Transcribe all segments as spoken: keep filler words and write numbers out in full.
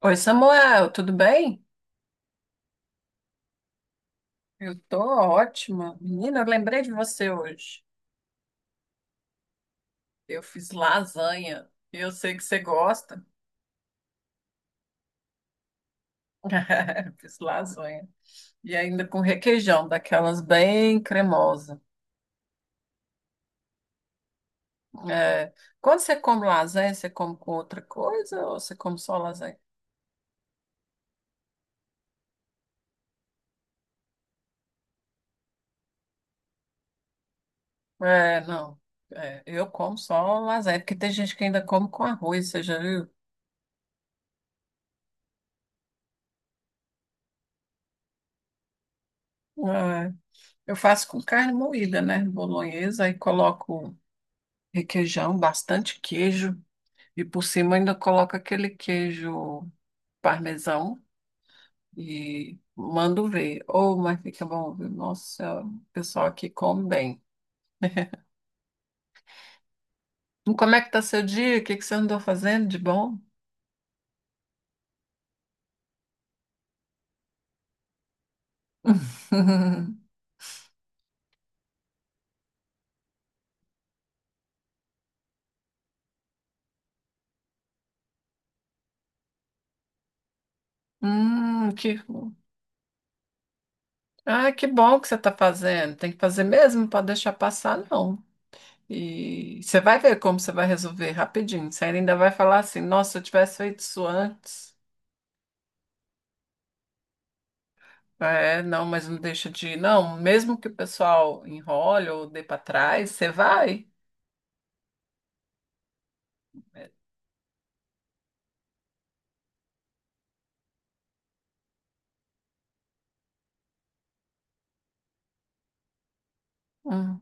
Oi, Samuel, tudo bem? Eu tô ótima. Menina, eu lembrei de você hoje. Eu fiz lasanha e Eu sei que você gosta. Fiz lasanha. E ainda com requeijão, daquelas bem cremosa. É, Quando você come lasanha, você come com outra coisa ou você come só lasanha? É, não. É, eu como só lasanha, porque tem gente que ainda come com arroz, você já viu? É, eu faço com carne moída, né? Bolonhesa, aí coloco requeijão, bastante queijo, e por cima ainda coloca aquele queijo parmesão e mando ver. Oh, mas fica bom, viu? Nossa, o pessoal aqui come bem. E Como é que tá seu dia? O que que você andou fazendo de bom? Hum, que... Ah, que bom que você está fazendo. Tem que fazer mesmo, não pode deixar passar, não. E você vai ver como você vai resolver rapidinho. Você ainda vai falar assim, nossa, se eu tivesse feito isso antes. É, não, mas não deixa de ir. Não, mesmo que o pessoal enrole ou dê para trás, você vai. Hum,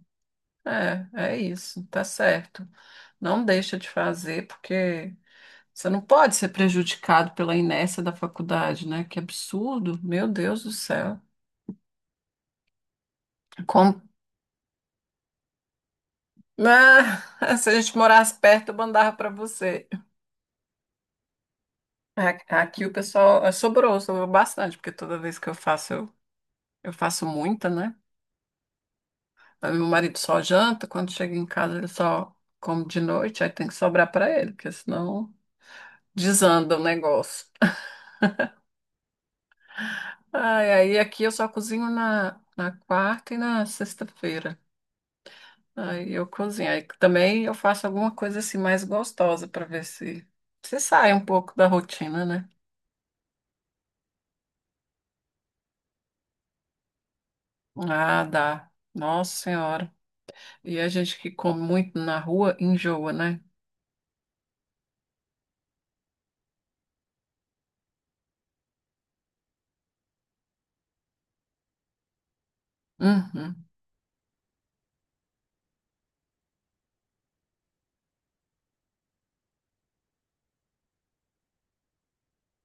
é, é isso, tá certo. Não deixa de fazer, porque você não pode ser prejudicado pela inércia da faculdade, né? Que absurdo, meu Deus do céu. Como... Ah, se a gente morasse perto, eu mandava para você. A- Aqui o pessoal eh, sobrou, sobrou bastante, porque toda vez que eu faço, eu, eu faço muita, né? Aí meu marido só janta, quando chega em casa ele só come de noite, aí tem que sobrar para ele, porque senão desanda o negócio. Ai, aí aqui eu só cozinho na, na quarta e na sexta-feira. Aí eu cozinho. Aí também eu faço alguma coisa assim mais gostosa para ver se se sai um pouco da rotina, né? Ah, dá. Nossa Senhora. E a gente que come muito na rua enjoa, né? Uhum.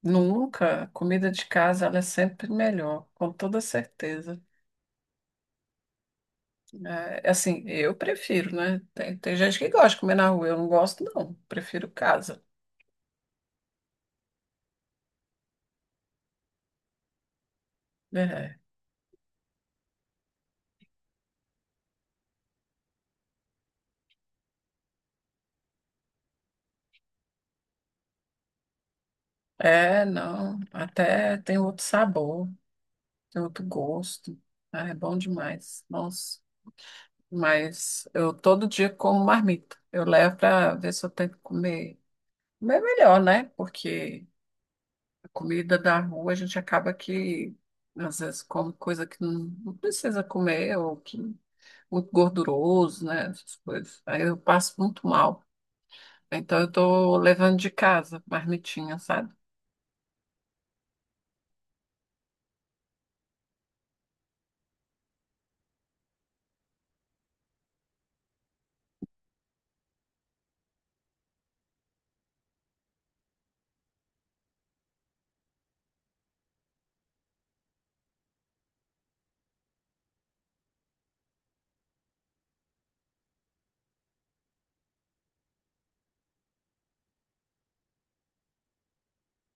Nunca. A comida de casa ela é sempre melhor, com toda certeza. É, é assim, eu prefiro, né? Tem, tem gente que gosta de comer na rua, eu não gosto, não. Prefiro casa. É, é, não, até tem outro sabor, tem outro gosto. Ah, é bom demais. Nossa, mas eu todo dia como marmita. Eu levo para ver se eu tenho que comer, comer melhor, né? Porque a comida da rua a gente acaba que às vezes come coisa que não, não precisa comer ou que é muito gorduroso, né? Essas coisas. Aí eu passo muito mal. Então eu tô levando de casa, marmitinha, sabe?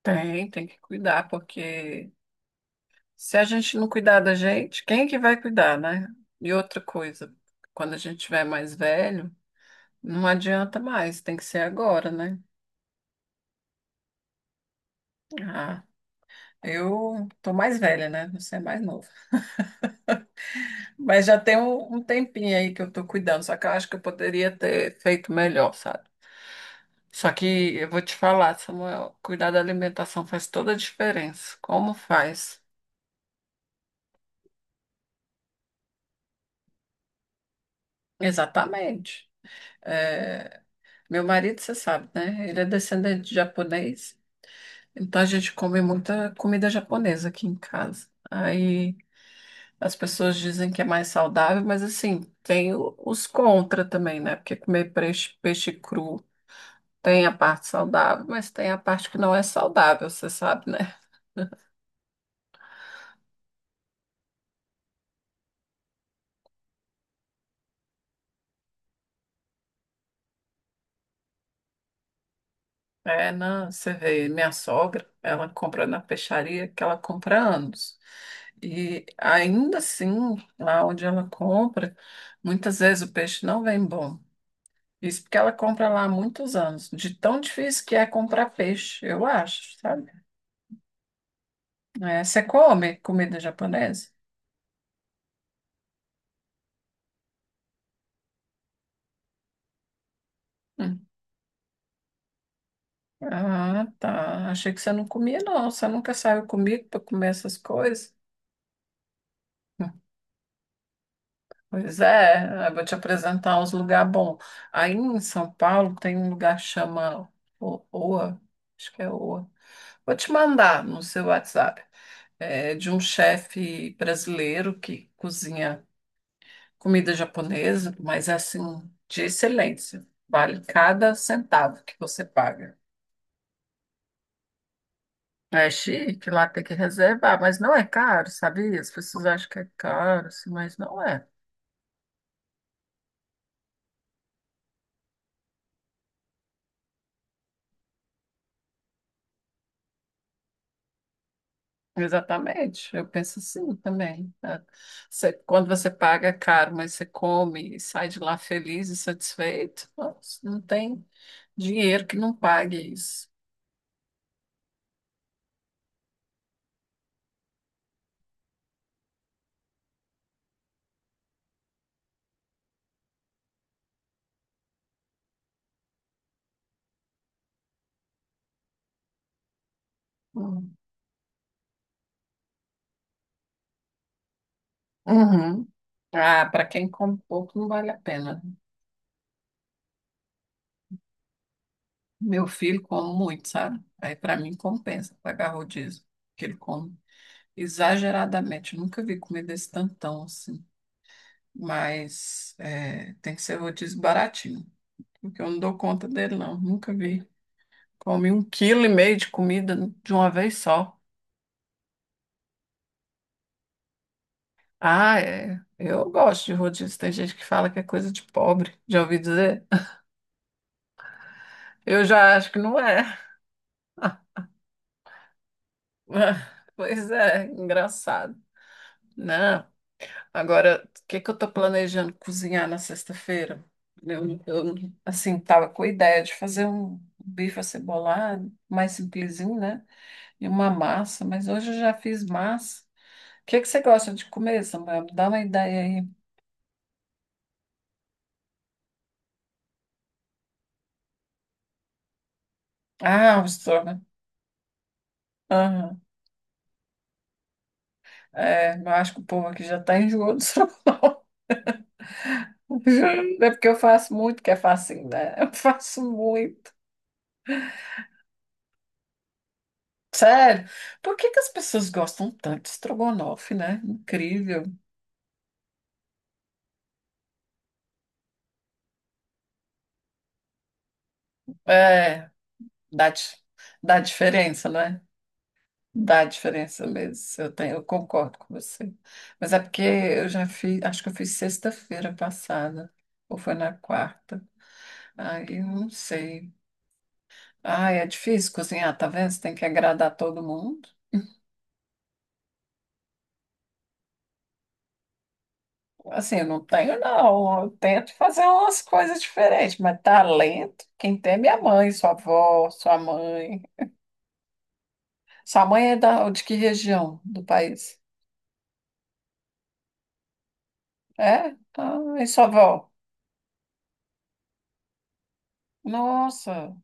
Tem, tem que cuidar, porque se a gente não cuidar da gente, quem é que vai cuidar, né? E outra coisa, quando a gente tiver mais velho, não adianta mais, tem que ser agora, né? Ah, eu tô mais velha, né? Você é mais novo. Mas já tem um, um tempinho aí que eu tô cuidando, só que eu acho que eu poderia ter feito melhor, sabe? Só que eu vou te falar, Samuel, cuidar da alimentação faz toda a diferença. Como faz? Exatamente. É, meu marido, você sabe, né? Ele é descendente de japonês, então a gente come muita comida japonesa aqui em casa. Aí as pessoas dizem que é mais saudável, mas assim, tem o- os contra também, né? Porque comer peixe, peixe cru tem a parte saudável, mas tem a parte que não é saudável, você sabe, né? É, na, você vê, minha sogra, ela compra na peixaria que ela compra há anos. E ainda assim, lá onde ela compra, muitas vezes o peixe não vem bom. Isso porque ela compra lá há muitos anos. De tão difícil que é comprar peixe, eu acho, sabe? É, você come comida japonesa? Hum. Ah, tá. Achei que você não comia, não. Você nunca saiu comigo para comer essas coisas? Hum. Pois é, eu vou te apresentar uns lugares bons. Aí em São Paulo tem um lugar que chama O- Oa, acho que é Oa. Vou te mandar no seu WhatsApp. É, de um chefe brasileiro que cozinha comida japonesa, mas é, assim, de excelência. Vale cada centavo que você paga. É chique, lá tem que reservar, mas não é caro, sabia? As pessoas acham que é caro, assim, mas não é. Exatamente, eu penso assim também. Tá? Você- quando você paga é caro, mas você come e sai de lá feliz e satisfeito, nossa, não tem dinheiro que não pague isso. Uhum. Ah, para quem come pouco não vale a pena. Meu filho come muito, sabe? Aí para mim compensa pagar rodízio, que ele come exageradamente. Eu nunca vi comida desse tantão assim. Mas é, tem que ser rodízio baratinho, porque eu não dou conta dele não. Nunca vi. Come um quilo e meio de comida de uma vez só. Ah, é. Eu gosto de rodízio. Tem gente que fala que é coisa de pobre. Já ouvi dizer? Eu já acho que não é. Ah, pois é, engraçado, né. Agora, o que que eu tô planejando cozinhar na sexta-feira? Eu, eu, assim, tava com a ideia de fazer um bife acebolado, mais simplesinho, né? E uma massa, mas hoje eu já fiz massa. O que que você gosta de comer, Samuel? Me dá uma ideia aí. Ah, o estrogonofe. Aham. É, eu acho que o povo aqui já tá enjoado do estrogonofe. É porque eu faço muito, que é facinho, né? Eu faço muito. Sério, por que que as pessoas gostam tanto de estrogonofe, né? Incrível. É, dá, di- dá diferença, né? Dá diferença mesmo. Eu tenho, eu concordo com você. Mas é porque eu já fiz, acho que eu fiz sexta-feira passada, ou foi na quarta. Aí eu não sei. Ai, é difícil cozinhar, tá vendo? Você tem que agradar todo mundo. Assim, eu não tenho, não. Eu tento fazer umas coisas diferentes, mas talento, quem tem é minha mãe, sua avó, sua mãe. Sua mãe é da, de que região do país? É? Ah, em sua avó? Nossa,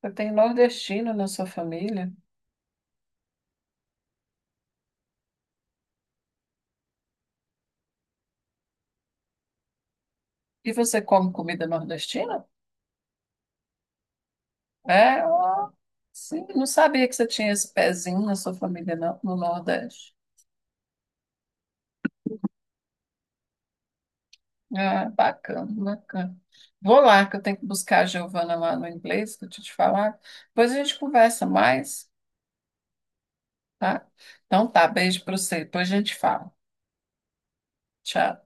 você tem nordestino na sua família. E você come comida nordestina? É? Ah, sim, não sabia que você tinha esse pezinho na sua família não, no Nordeste. Ah, bacana, bacana. Vou lá, que eu tenho que buscar a Giovana lá no inglês, que eu tinha te falado. Depois a gente conversa mais, tá? Então tá, beijo para você. Depois a gente fala. Tchau.